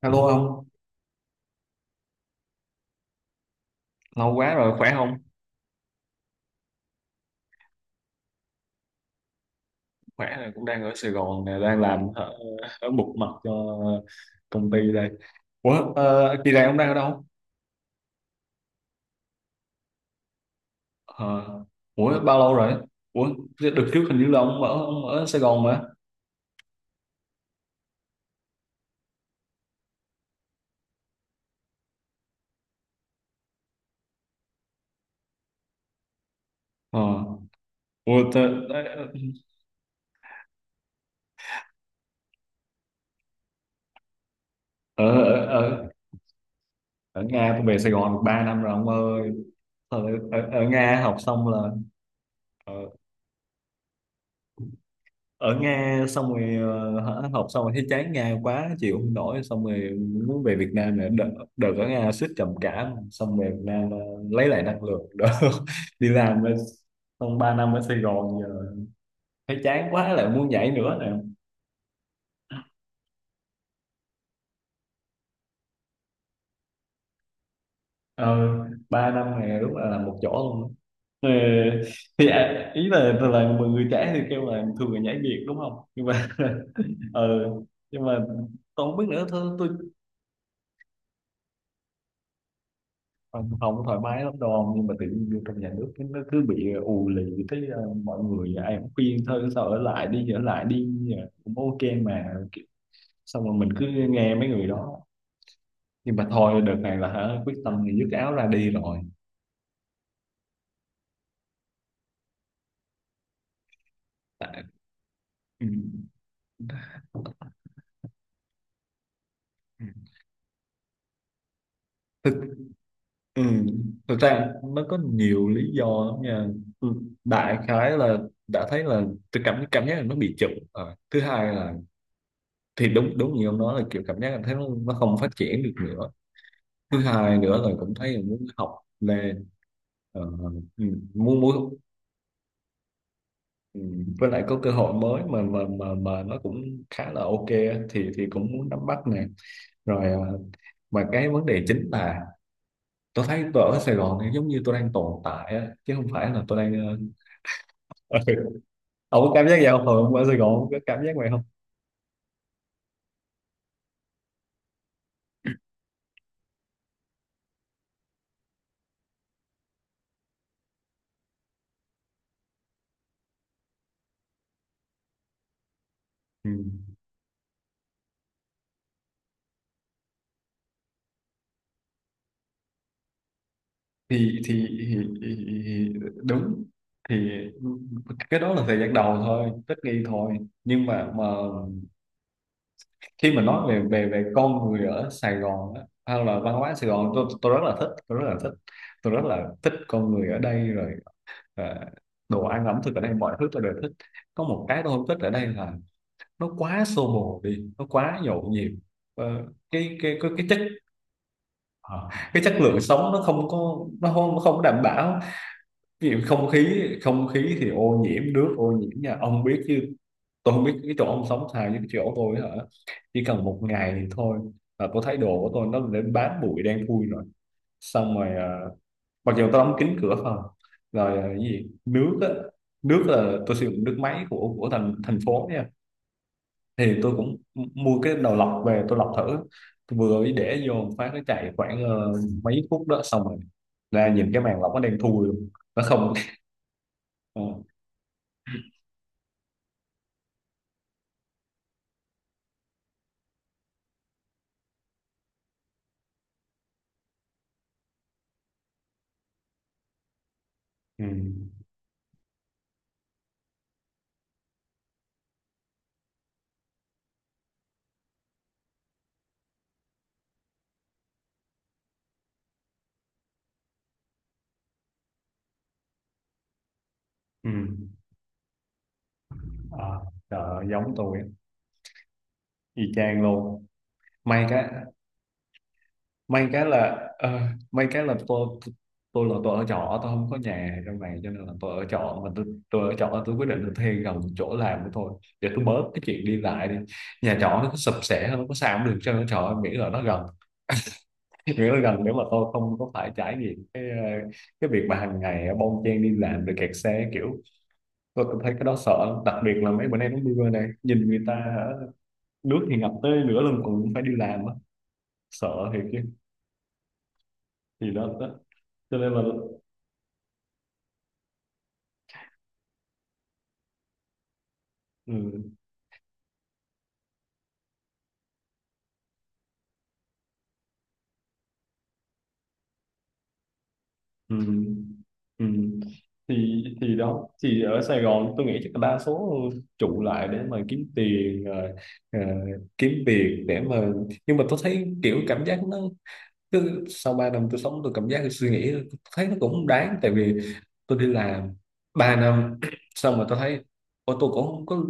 Hello ông, lâu quá rồi, khỏe không? Khỏe rồi, cũng đang ở Sài Gòn nè, đang làm ở, một mặt cho công ty đây. Ủa, kỳ này ông đang ở đâu? Ờ, ủa, bao lâu rồi? Ủa, đợt trước hình như là ông ở Sài Gòn mà. Ờ, ủa, ở, ở, ở, ở Nga tôi về Sài Gòn được 3 năm rồi ông ơi. Ờ, ở Nga học xong là ờ, ở Nga xong rồi hả, học xong rồi thấy chán Nga quá chịu không nổi xong rồi muốn về Việt Nam này đợt, đợt ở Nga suýt trầm cảm xong về Việt Nam lấy lại năng lượng đó đi làm ở- xong 3 năm ở Sài Gòn giờ thấy chán quá lại muốn nhảy nữa nè. ờ, 3 năm này lúc là làm một chỗ luôn. Ờ, thì à, ý là mọi người trẻ thì kêu là thường là nhảy việc đúng không nhưng mà ờ nhưng mà tôi không biết nữa, thôi tôi không, không thoải mái lắm đâu, nhưng mà tự nhiên vô trong nhà nước cái nó cứ bị ù lì, thấy mọi người ai cũng khuyên thôi sao ở lại đi ở lại đi, cũng ok mà. Xong rồi mình cứ nghe mấy người đó, nhưng mà thôi đợt này là hả, quyết tâm thì dứt áo ra đi rồi. Tại- ừ. thực ừ. Thực ra nó có nhiều lý do lắm nha. Ừ, đại khái là đã thấy là tôi cảm cảm giác là nó bị chậm. Ờ, thứ hai là thì đúng đúng như ông nói là kiểu cảm giác là thấy nó không phát triển được nữa. Thứ hai nữa là cũng thấy là muốn học lên. Ờ, ừ, muốn muốn, ừ, với lại có cơ hội mới mà nó cũng khá là ok á, thì cũng muốn nắm bắt nè. Rồi mà cái vấn đề chính là tôi thấy tôi ở Sài Gòn thì giống như tôi đang tồn tại á, chứ không phải là tôi đang ờ, ông có cảm giác vậy không? Hồi ông ở Sài Gòn ông có cảm giác vậy không? Ừ. thì, thì, thì, thì đúng, thì cái đó là thời gian đầu thôi, tất nghi thôi. Nhưng mà khi mà nói về về về con người ở Sài Gòn á, hay là văn hóa Sài Gòn, tôi rất là thích, tôi rất là thích con người ở đây rồi. Ờ, đồ ăn ẩm thực ở đây mọi thứ tôi đều thích. Có một cái tôi không thích ở đây là nó quá xô bồ đi, nó quá nhộn nhịp. Ờ, cái chất, ờ, cái chất lượng sống nó không có, nó không đảm bảo. Ví dụ không khí, thì ô nhiễm, nước ô nhiễm nha, ông biết chứ. Tôi không biết cái chỗ ông sống sao, với cái chỗ tôi hả, chỉ cần một ngày thì thôi là tôi thấy đồ của tôi nó đến bám bụi đen thui rồi. Xong rồi à, mặc dù tôi đóng kín cửa phòng rồi. À, cái gì nước á, nước là tôi sử dụng nước máy của thành thành phố nha. Thì tôi cũng mua cái đầu lọc về tôi lọc thử, tôi vừa mới để vô một phát nó chạy khoảng mấy phút đó, xong rồi ra nhìn cái màn lọc nó đen thui luôn, nó không. Ừ. Ừ. Ừ. À, trời ơi, giống tôi á. Y chang luôn. may cái May cái là may cái là tôi tôi là tôi ở trọ, tôi không có nhà trong này, cho nên là tôi ở trọ mà tôi ở trọ tôi quyết định là thuê gần chỗ làm của tôi để tôi bớt cái chuyện đi lại đi. Nhà trọ nó sập sệ nó có sao cũng được, cho nó trọ miễn là nó gần, miễn là gần để mà tôi không có phải trải nghiệm cái cái việc mà hàng ngày bon chen đi làm rồi kẹt xe kiểu. Tôi thấy cái đó sợ lắm. Đặc biệt là mấy bữa nay nó mưa này, nhìn người ta nước thì ngập tới nửa lưng còn phải đi làm á, sợ thiệt chứ. Thì đó, đó, cho nên là ừ, ừ, ừ. Thì đó, thì ở Sài Gòn tôi nghĩ chắc là đa số trụ lại để mà kiếm tiền, ờ, kiếm việc để mà, nhưng mà tôi thấy kiểu cảm giác nó cứ sau 3 năm tôi sống, tôi cảm giác, tôi suy nghĩ tôi thấy nó cũng không đáng, tại vì tôi đi làm 3 năm xong rồi tôi thấy ô tôi cũng không có,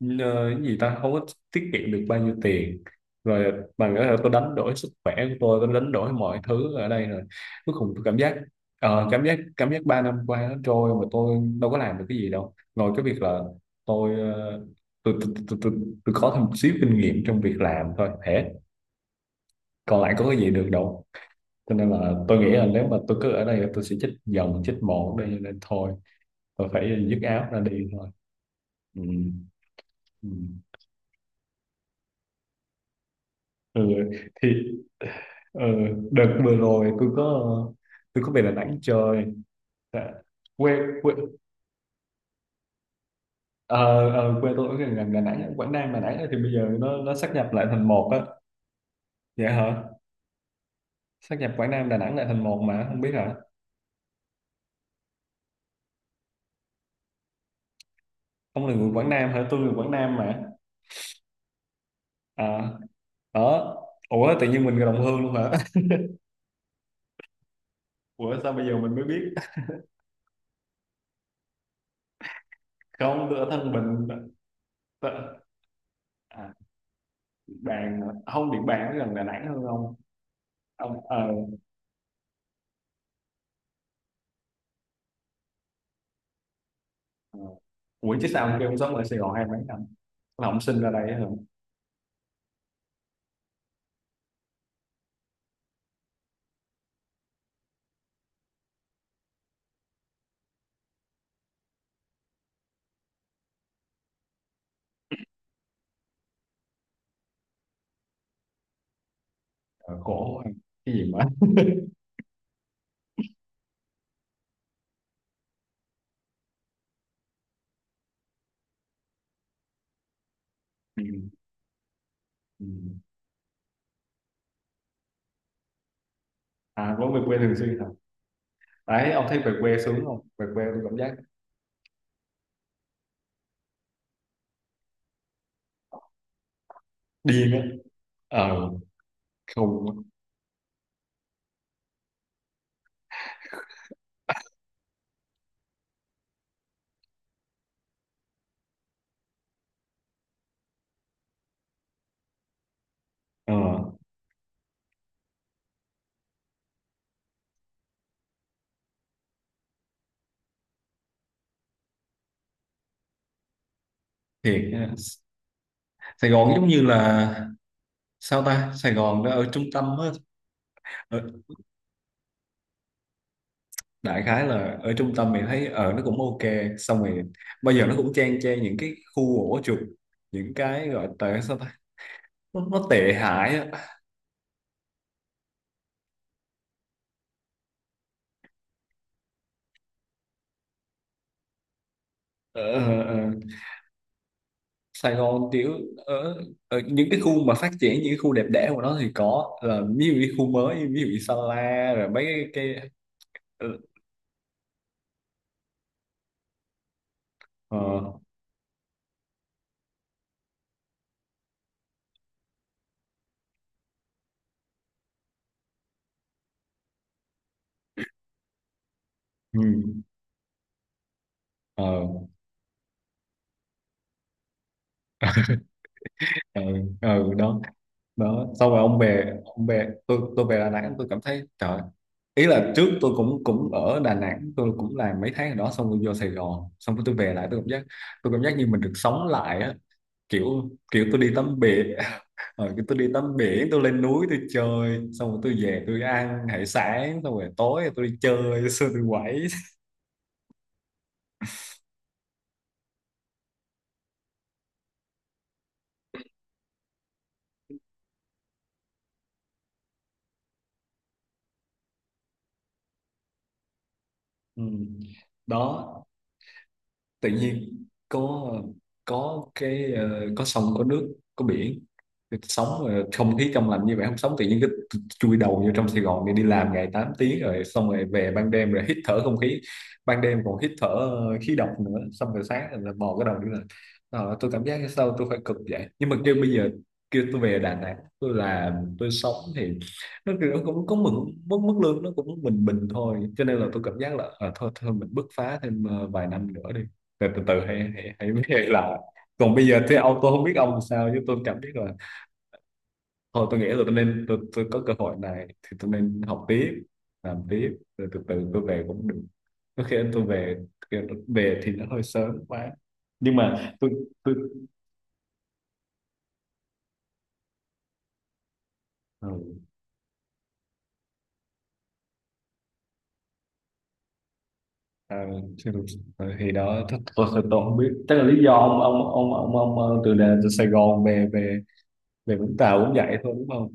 nhờ cái gì ta, không có tiết kiệm được bao nhiêu tiền rồi, bằng cái là tôi đánh đổi sức khỏe của tôi đánh đổi mọi thứ ở đây rồi, cuối cùng tôi cảm giác cảm giác 3 năm qua nó trôi mà tôi đâu có làm được cái gì đâu, ngoài cái việc là tôi tôi tôi, tôi, tôi, tôi có thêm một xíu kinh nghiệm trong việc làm thôi thế, còn lại có cái gì được đâu. Cho nên là tôi nghĩ là nếu mà tôi cứ ở đây là tôi sẽ chết dần chết mòn ở đây, cho nên thôi tôi phải dứt áo ra đi thôi. Ừ. Ừ. Ừ, thì ừ, đợt vừa rồi tôi có, tôi có về Đà Nẵng chơi. Dạ. quê Quê, ờ, quê tôi ở gần gần Đà Nẵng, Quảng Nam Đà Nẵng á, thì bây giờ nó sáp nhập lại thành một á. Dạ hả, sáp nhập Quảng Nam Đà Nẵng lại thành một mà không biết hả. Ông là người Quảng Nam hả, tôi người Quảng Nam mà. À, đó. Ủa tự nhiên mình người đồng hương luôn hả? Ủa sao bây giờ mình mới biết? Không tôi ở Thân Bình. Tớ- À, Điện Bàn hả? Không Điện Bàn nó gần Đà Nẵng hơn không? Ông Ờ. Ủa chứ sao ông kêu ông sống ở Sài Gòn hai mấy năm, là ông sinh ra đây á hả? Ờ, khổ, cái gì mà ừ. Ừ. À có về quê thường xuyên hả. Đấy ông thấy về quê sướng không, về quê tôi cảm giác điên á. Ờ, không, ờ, thiệt nha. Sài Gòn giống như là sao ta, Sài Gòn nó ở trung tâm á, ở, đại khái là ở trung tâm mình thấy ở nó cũng ok, xong rồi bây giờ nó cũng chang chang những cái khu ổ chuột, những cái gọi tệ sao ta, nó tệ hại á. Ờ, ờ, ờ. Sài Gòn kiểu ở, ở những cái khu mà phát triển, những cái khu đẹp đẽ của nó thì có, là ví dụ như khu mới, ví dụ như Sa la rồi mấy cái ờ, ờ, ừ, ờ, ờ, ờ, đó. Đó xong rồi ông về, ông về tôi về Đà Nẵng tôi cảm thấy trời, ý là trước tôi cũng cũng ở Đà Nẵng tôi cũng làm mấy tháng ở đó, xong rồi vô Sài Gòn, xong rồi tôi về lại tôi cảm giác, tôi cảm giác như mình được sống lại á, kiểu kiểu tôi đi tắm bể kiểu tôi đi tắm biển, tôi lên núi tôi chơi, xong rồi tôi về tôi ăn hải sản, xong rồi tối tôi đi chơi xong rồi tôi quẩy. Ừ. Đó tự nhiên có cái có sông có nước, có biển sống, không khí trong lành như vậy không sống, tự nhiên cứ chui đầu vô trong Sài Gòn đi đi làm ngày 8 tiếng rồi, xong rồi về ban đêm rồi hít thở không khí, ban đêm còn hít thở khí độc nữa, xong rồi sáng rồi là mò cái đầu đi làm. Ờ, tôi cảm giác sao tôi phải cực vậy, nhưng mà kêu bây giờ kêu tôi về Đà Nẵng tôi làm, tôi sống thì nó kiểu nó cũng có mừng mức mức lương nó cũng bình bình thôi, cho nên là tôi cảm giác là à, thôi thôi mình bứt phá thêm vài năm nữa đi, từ từ, từ hãy hãy hãy biết là, còn bây giờ thế ông tôi không biết ông sao chứ, tôi cảm biết là thôi tôi nghĩ là tôi nên tôi có cơ hội này thì tôi nên học tiếp, làm tiếp rồi từ từ tôi về cũng được, có khi tôi về, về thì nó hơi sớm quá nhưng mà tôi tôi ừ, à, chưa được. Ừ, thì đó tôi không biết chắc là lý do ông ông, ờ, từ Sài Gòn về về về Vũng Tàu cũng vậy thôi đúng không.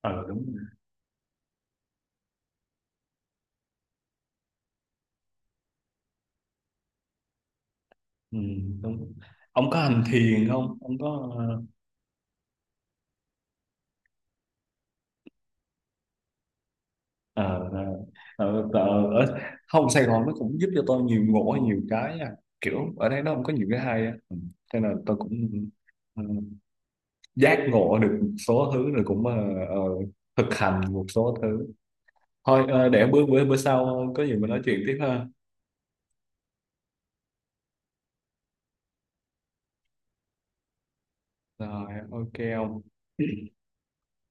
Ờ đúng rồi. Ừ, đúng. Ông có hành thiền không, ông có ờ, ờ, ờ, ở, không Sài Gòn nó cũng giúp cho tôi nhiều ngộ hay nhiều cái nha. Kiểu ở đây nó không có nhiều cái hay á. Ừ, thế là tôi cũng ừ, giác ngộ được một số thứ rồi cũng ờ, thực hành một số thứ. Thôi để bữa bữa bữa sau có gì mình nói chuyện tiếp ha. Rồi ok. Không.